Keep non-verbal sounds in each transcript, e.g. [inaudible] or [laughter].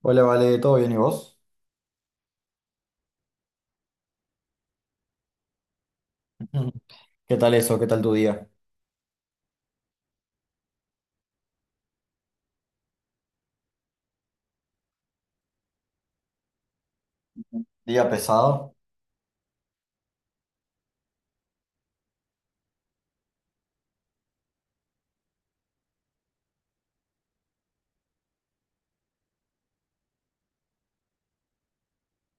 Hola, Vale, ¿todo bien y vos? [laughs] Ujú. ¿Qué tal eso? ¿Qué tal tu día? ¿Día pesado?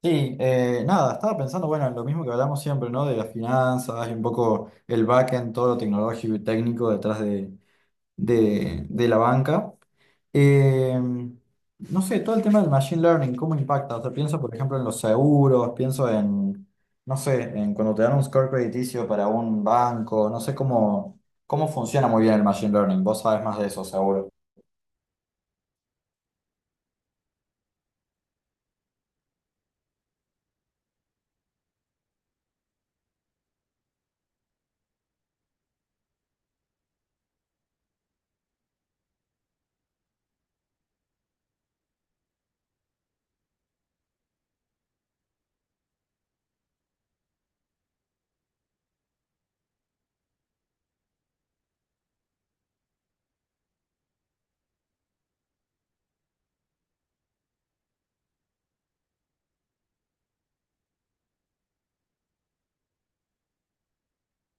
Sí, nada, estaba pensando, bueno, en lo mismo que hablamos siempre, ¿no? De las finanzas y un poco el backend, todo lo tecnológico y técnico detrás de la banca. Eh, no sé, todo el tema del machine learning, ¿cómo impacta? O sea, pienso, por ejemplo, en los seguros, pienso no sé, en cuando te dan un score crediticio para un banco, no sé cómo funciona muy bien el machine learning, vos sabes más de eso, seguro.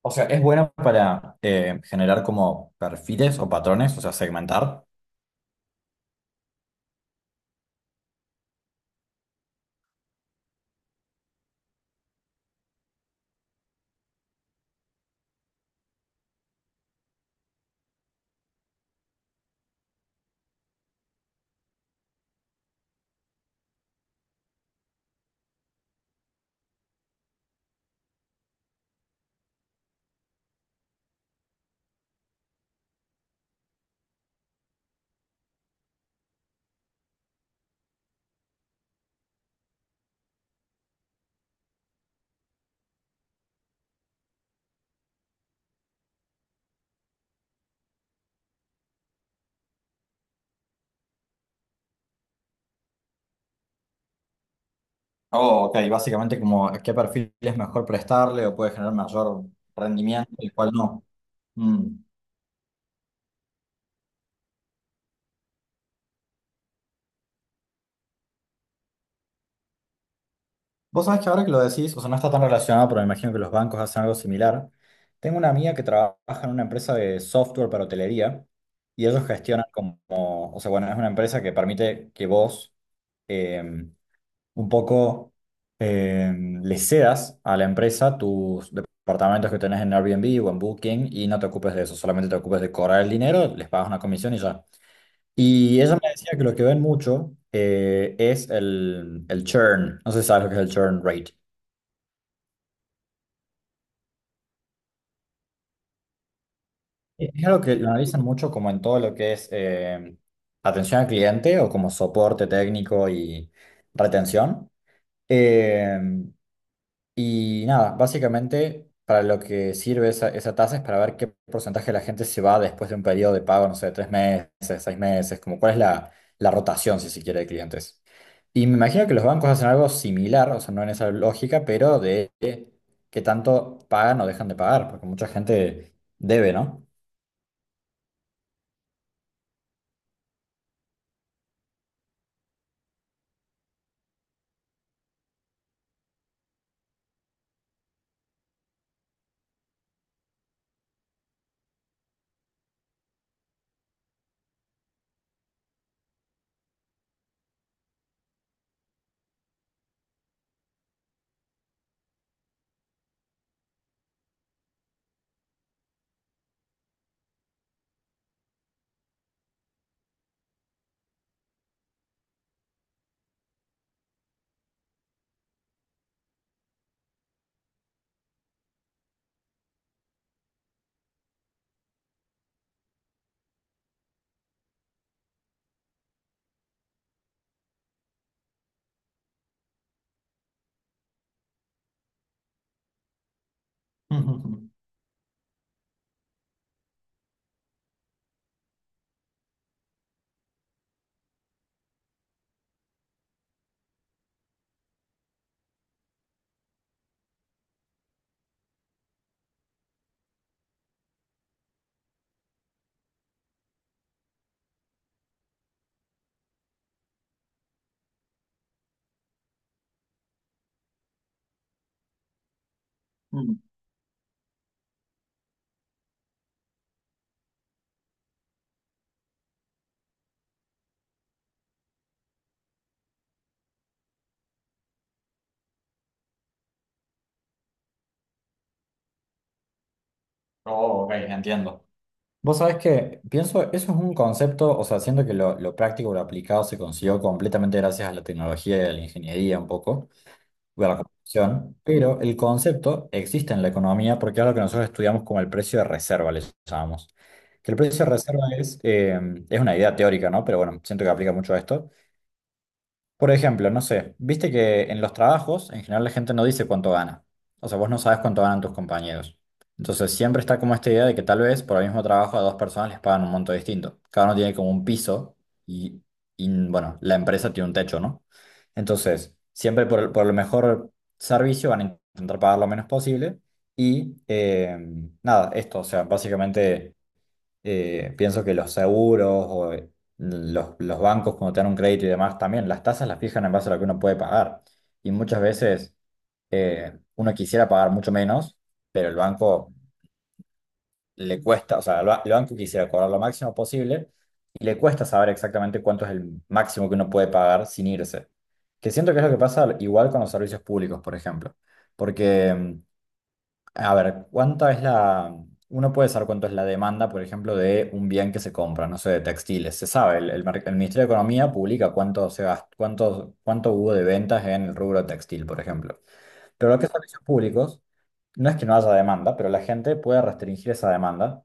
O sea, es buena para generar como perfiles o patrones, o sea, segmentar. Oh, ok, básicamente como a qué perfil es mejor prestarle o puede generar mayor rendimiento y cuál no. Mm. Vos sabés que ahora que lo decís, o sea, no está tan relacionado, pero me imagino que los bancos hacen algo similar. Tengo una amiga que trabaja en una empresa de software para hotelería y ellos gestionan como, o sea, bueno, es una empresa que permite que vos... em, un poco eh, le cedas a la empresa tus departamentos que tenés en Airbnb o en Booking y no te ocupes de eso, solamente te ocupes de cobrar el dinero, les pagas una comisión y ya. Y ella me decía que lo que ven mucho es el churn, no sé si sabes lo que es el churn rate. Es algo que lo analizan mucho como en todo lo que es atención al cliente o como soporte técnico y retención. Eh, Y nada, básicamente para lo que sirve esa tasa es para ver qué porcentaje de la gente se va después de un periodo de pago, no sé, de tres meses, seis meses, como cuál es la rotación, si se quiere, de clientes. Y me imagino que los bancos hacen algo similar, o sea, no en esa lógica, pero de qué tanto pagan o dejan de pagar, porque mucha gente debe, ¿no? [laughs] Ujú. Mm. Oh, ok, entiendo. Vos sabés que pienso, eso es un concepto, o sea, siento que lo práctico, lo aplicado se consiguió completamente gracias a la tecnología y a la ingeniería un poco, o a la computación, pero el concepto existe en la economía porque es algo que nosotros estudiamos como el precio de reserva, le llamamos. Que el precio de reserva es una idea teórica, ¿no? Pero bueno, siento que aplica mucho a esto. Por ejemplo, no sé, viste que en los trabajos en general la gente no dice cuánto gana. O sea, vos no sabes cuánto ganan tus compañeros. Entonces siempre está como esta idea de que tal vez por el mismo trabajo a dos personas les pagan un monto distinto. Cada uno tiene como un piso y, y, bueno, la empresa tiene un techo, ¿no? Entonces, siempre por el mejor servicio van a intentar pagar lo menos posible. Y nada, esto, o sea, básicamente pienso que los seguros o los bancos cuando te dan un crédito y demás también, las tasas las fijan en base a lo que uno puede pagar. Y muchas veces uno quisiera pagar mucho menos, pero el banco le cuesta, o sea, el banco quisiera cobrar lo máximo posible y le cuesta saber exactamente cuánto es el máximo que uno puede pagar sin irse. Que siento que es lo que pasa igual con los servicios públicos, por ejemplo. Porque a ver, ¿cuánta es la... Uno puede saber cuánto es la demanda, por ejemplo, de un bien que se compra, no sé, de textiles. Se sabe, el Ministerio de Economía publica cuánto se cuánto hubo de ventas en el rubro textil, por ejemplo. Pero lo que es servicios públicos, no es que no haya demanda, pero la gente puede restringir esa demanda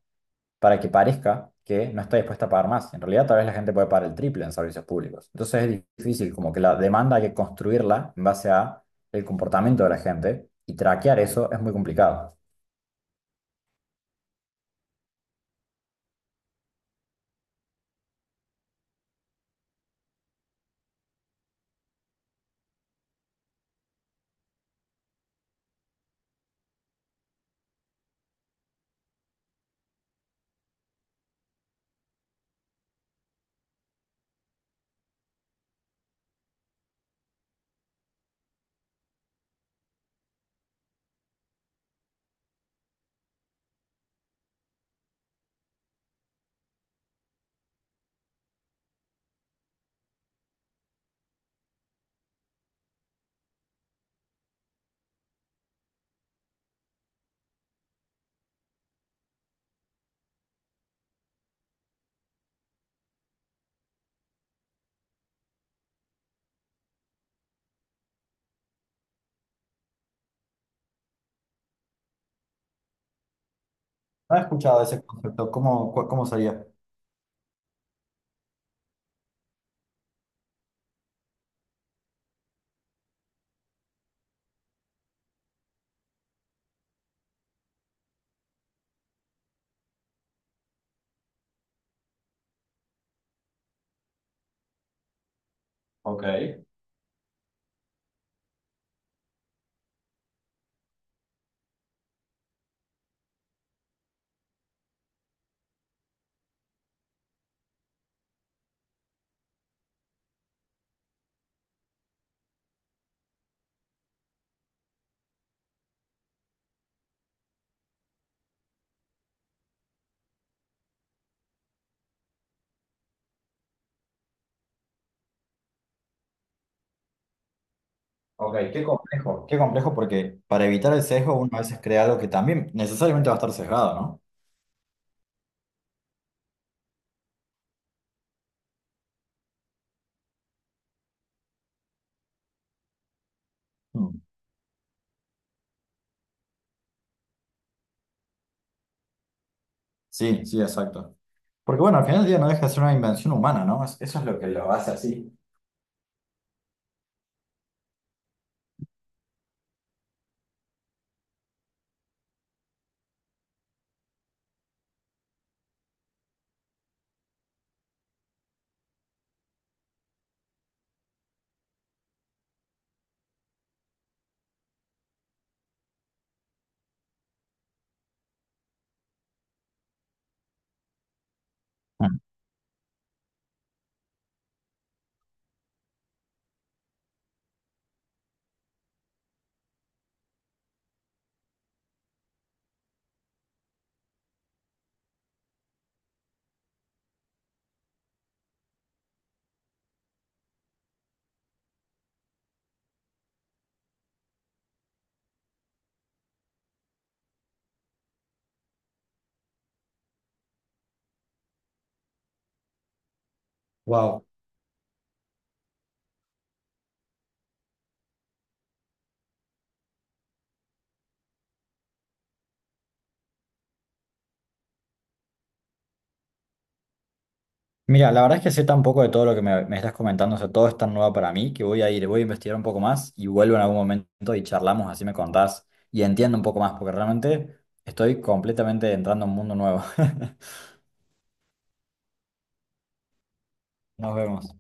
para que parezca que no está dispuesta a pagar más. En realidad, tal vez la gente puede pagar el triple en servicios públicos. Entonces es difícil, como que la demanda hay que construirla en base a el comportamiento de la gente y traquear eso es muy complicado. No he escuchado ese concepto. ¿Cómo, cómo sería? Ok, ok, qué complejo. Qué complejo porque para evitar el sesgo uno a veces crea algo que también necesariamente va a estar sesgado, ¿no? Mm. Sí, sí, exacto. Porque bueno, al final del día no deja de ser una invención humana, ¿no? Es- Eso es lo que lo hace así. Wow. Mira, la verdad es que sé tan poco de todo lo que me estás comentando, o sea, todo es tan nuevo para mí que voy a ir, voy a investigar un poco más y vuelvo en algún momento y charlamos, así me contás y entiendo un poco más, porque realmente estoy completamente entrando a un mundo nuevo. [laughs] Nos vemos.